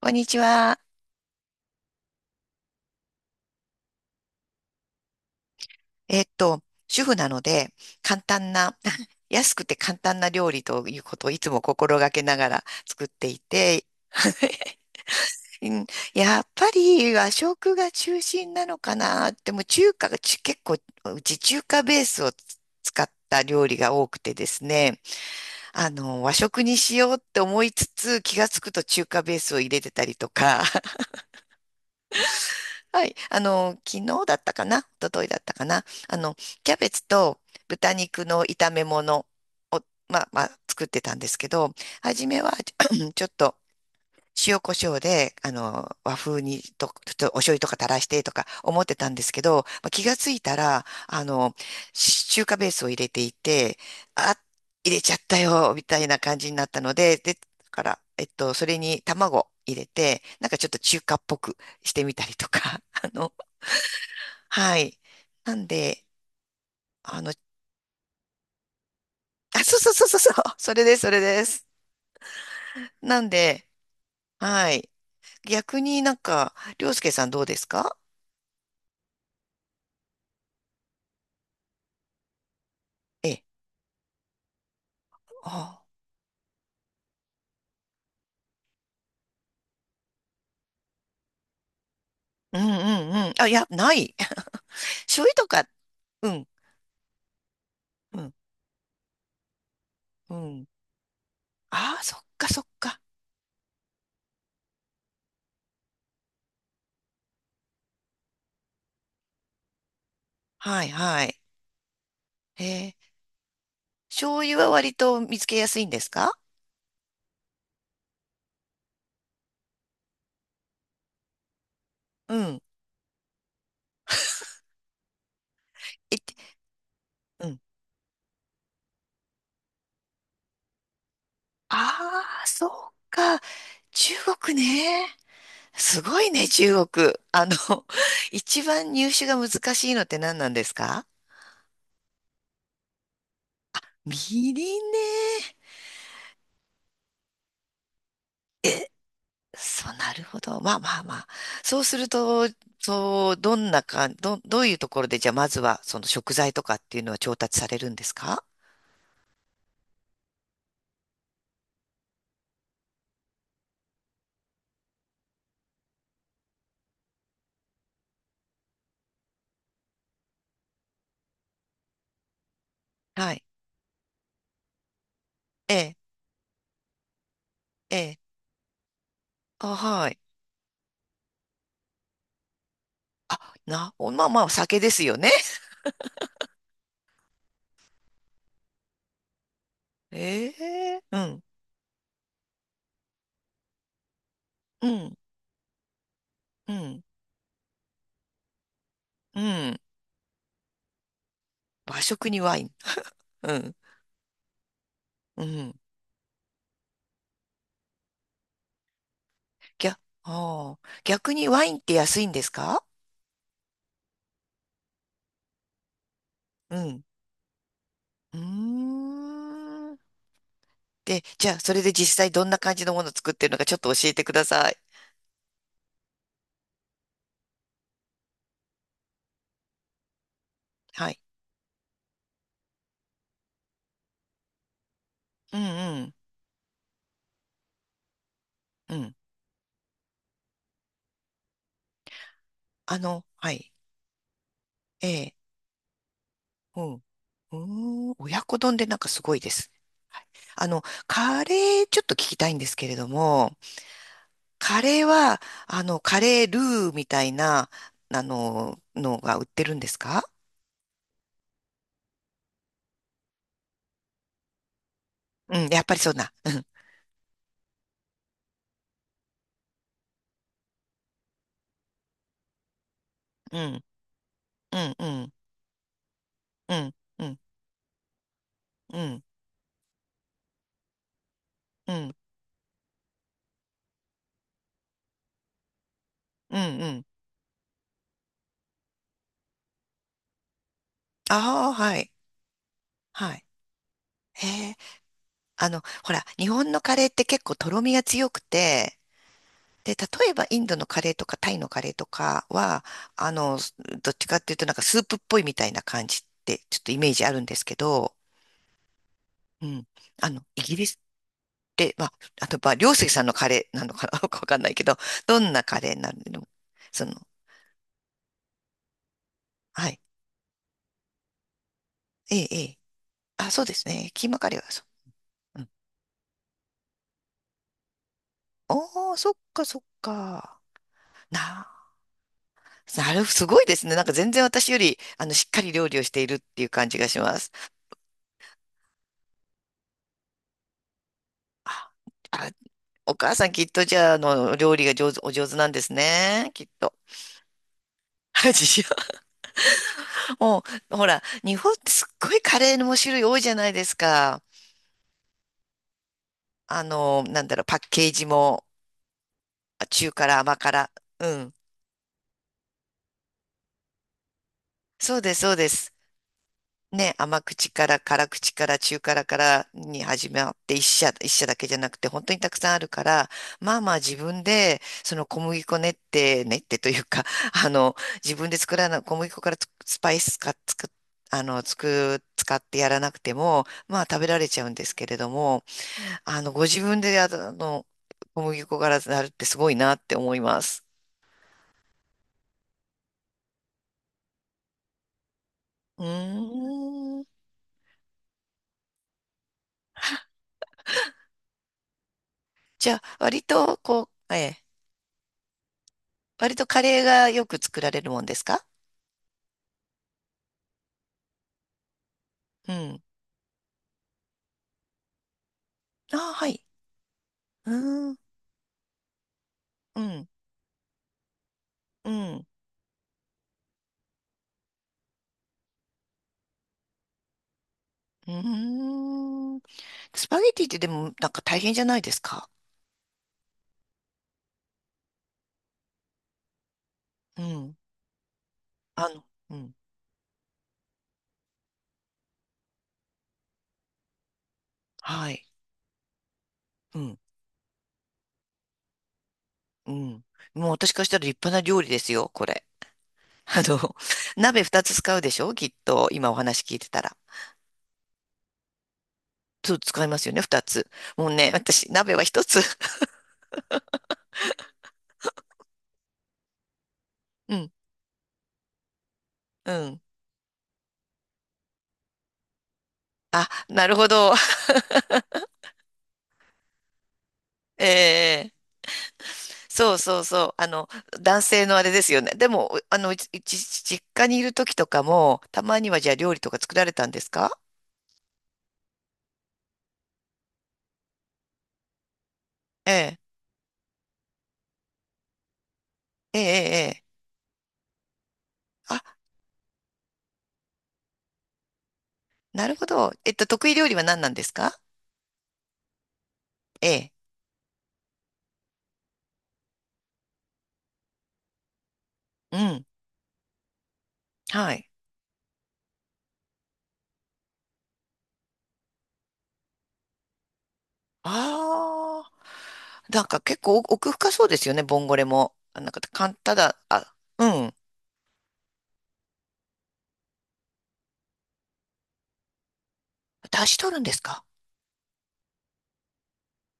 こんにちは。主婦なので、簡単な、安くて簡単な料理ということをいつも心がけながら作っていて、うん、やっぱり和食が中心なのかな。でも中華がち結構、うち中華ベースを使った料理が多くてですね、和食にしようって思いつつ、気がつくと中華ベースを入れてたりとか、はい。昨日だったかな一昨日だったかなキャベツと豚肉の炒め物、まあ、作ってたんですけど、初めは ちょっと塩コショウで、和風にと、ちょっとお醤油とか垂らしてとか思ってたんですけど、まあ、気がついたら、中華ベースを入れていて、あ、入れちゃったよ、みたいな感じになったので、で、だから、それに卵入れて、なんかちょっと中華っぽくしてみたりとか、はい。なんで、あの、あ、そうそうそうそうそう、それです、それです。なんで、はい。逆になんか、りょうすけさんどうですか？ええ。あ、うんうんうん。あ、いや、ない。醤油とか、うん、うん、うん。ああ、そっかそっか。はいはい。ええ、醤油は割と見つけやすいんですか？うん。え、うん。ああ、そっか。中国ね。すごいね、中国。一番入手が難しいのって何なんですか？みりんね。え、そう、なるほど。まあまあまあ。そうすると、そう、どんなか、ど、どういうところで、じゃあまずは、その食材とかっていうのは調達されるんですか？はい。ええ、ええ、あ、はい。まあまあ、お酒ですよね。ええ、うん、うん、うん、うん。和食にワイン。うん、うん。ぎゃ、ああ、逆にワインって安いんですか？うん。うーん。で、じゃあ、それで実際どんな感じのものを作ってるのかちょっと教えてください。はい。うんうん。うん。あの、はい。ええ。うん。うーん。親子丼でなんかすごいです。あの、カレーちょっと聞きたいんですけれども、カレーは、カレールーみたいな、のが売ってるんですか？うん。やっぱりそうな。うん。うん。うん。うん。うん。うん。うん。うん。うんうん。ああ、はい。はい。へえ。ほら、日本のカレーって結構とろみが強くて、で、例えばインドのカレーとかタイのカレーとかは、あの、どっちかっていうとなんかスープっぽいみたいな感じってちょっとイメージあるんですけど、うん。あの、イギリスって、まあ、あと、まあ、両関さんのカレーなのかな よくわかんないけど、どんなカレーになるの？その、はい。ええ、ええ。あ、そうですね。キーマカレーはそう。うん。おー、そっかそっか。なる、すごいですね。なんか全然私より、しっかり料理をしているっていう感じがします。あ、あ、お母さんきっとじゃあ、料理が上手、お上手なんですね。きっと。自信もう、ほら、日本ってすっごいカレーの種類多いじゃないですか。あの、なんだろう、パッケージも、中辛、甘辛。うん。そうです、そうです。ね、甘口から辛口から中辛からに始まって一社、一社だけじゃなくて本当にたくさんあるから、まあまあ自分でその小麦粉練ってというか、あの、自分で作らない小麦粉からスパイスか使ってやらなくても、まあ食べられちゃうんですけれども、あの、ご自分で小麦粉からなるってすごいなって思います。うーん。じゃあ、割とこう、ええ、割とカレーがよく作られるもんですか？うん。ああ、はい。うーん、うん、うん、うーん。スパゲティってでもなんか大変じゃないですか。うん。あの、うん。はい。うん、うん。もう私からしたら立派な料理ですよ、これ。あの、鍋二つ使うでしょきっと、今お話聞いてたら。そう、使いますよね、二つ。もうね、私、鍋は一つ。うん、うん。あ、なるほど。ええ、そうそうそう。男性のあれですよね。でも、あの、うち実家にいる時とかも、たまにはじゃあ料理とか作られたんですか？ええ、ええ、ええ。ええ、あ、なるほど。えっと、得意料理は何なんですか？ええ、うん、はい。ああ、なんか結構奥深そうですよね、ボンゴレも。なんか、ただ、あ、うん。出し取るんですか？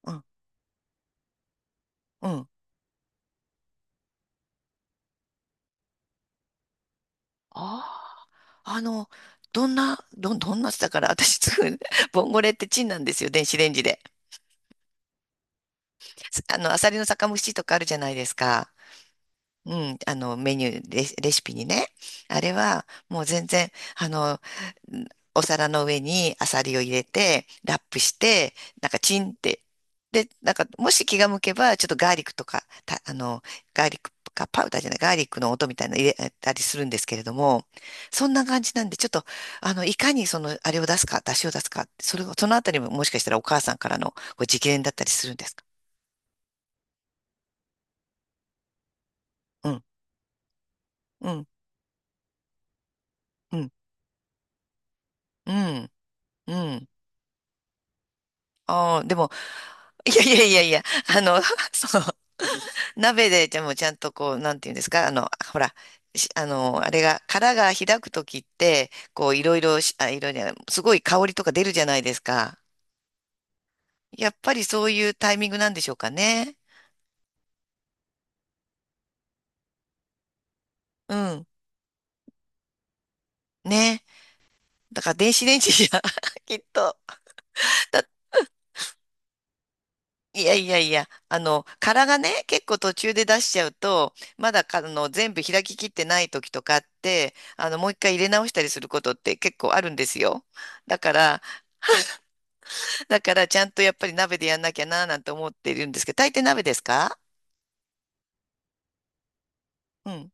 うん、うん。ああ、どんなだから、私作る、ボンゴレってチンなんですよ、電子レンジで。あの、アサリの酒蒸しとかあるじゃないですか。うん、あの、メニュー、レシ、レシピにね。あれは、もう全然、あの、お皿の上にアサリを入れて、ラップして、なんかチンって。で、なんか、もし気が向けば、ちょっとガーリックとか、あの、ガーリックかパウダーじゃない、ガーリックの音みたいなの入れたりするんですけれども、そんな感じなんで、ちょっと、いかにその、あれを出すか、出汁を出すか、それを、そのあたりももしかしたらお母さんからのご直伝だったりするんですか？うん、うん。うん、うん、うん。ああ、でも、いやいやいやいや、あの、そう、鍋ででもちゃんとこう、なんていうんですか、あの、ほら、あの、あれが、殻が開くときって、こう、いろいろじゃない、すごい香りとか出るじゃないですか。やっぱりそういうタイミングなんでしょうかね。うん、ね。だから電子レンジじゃ、きっと。いやいやいや、あの、殻がね、結構途中で出しちゃうと、まだか、あの、全部開ききってない時とかあって、あの、もう一回入れ直したりすることって結構あるんですよ。だから、だからちゃんとやっぱり鍋でやんなきゃな、なんて思っているんですけど、大抵鍋ですか？うん。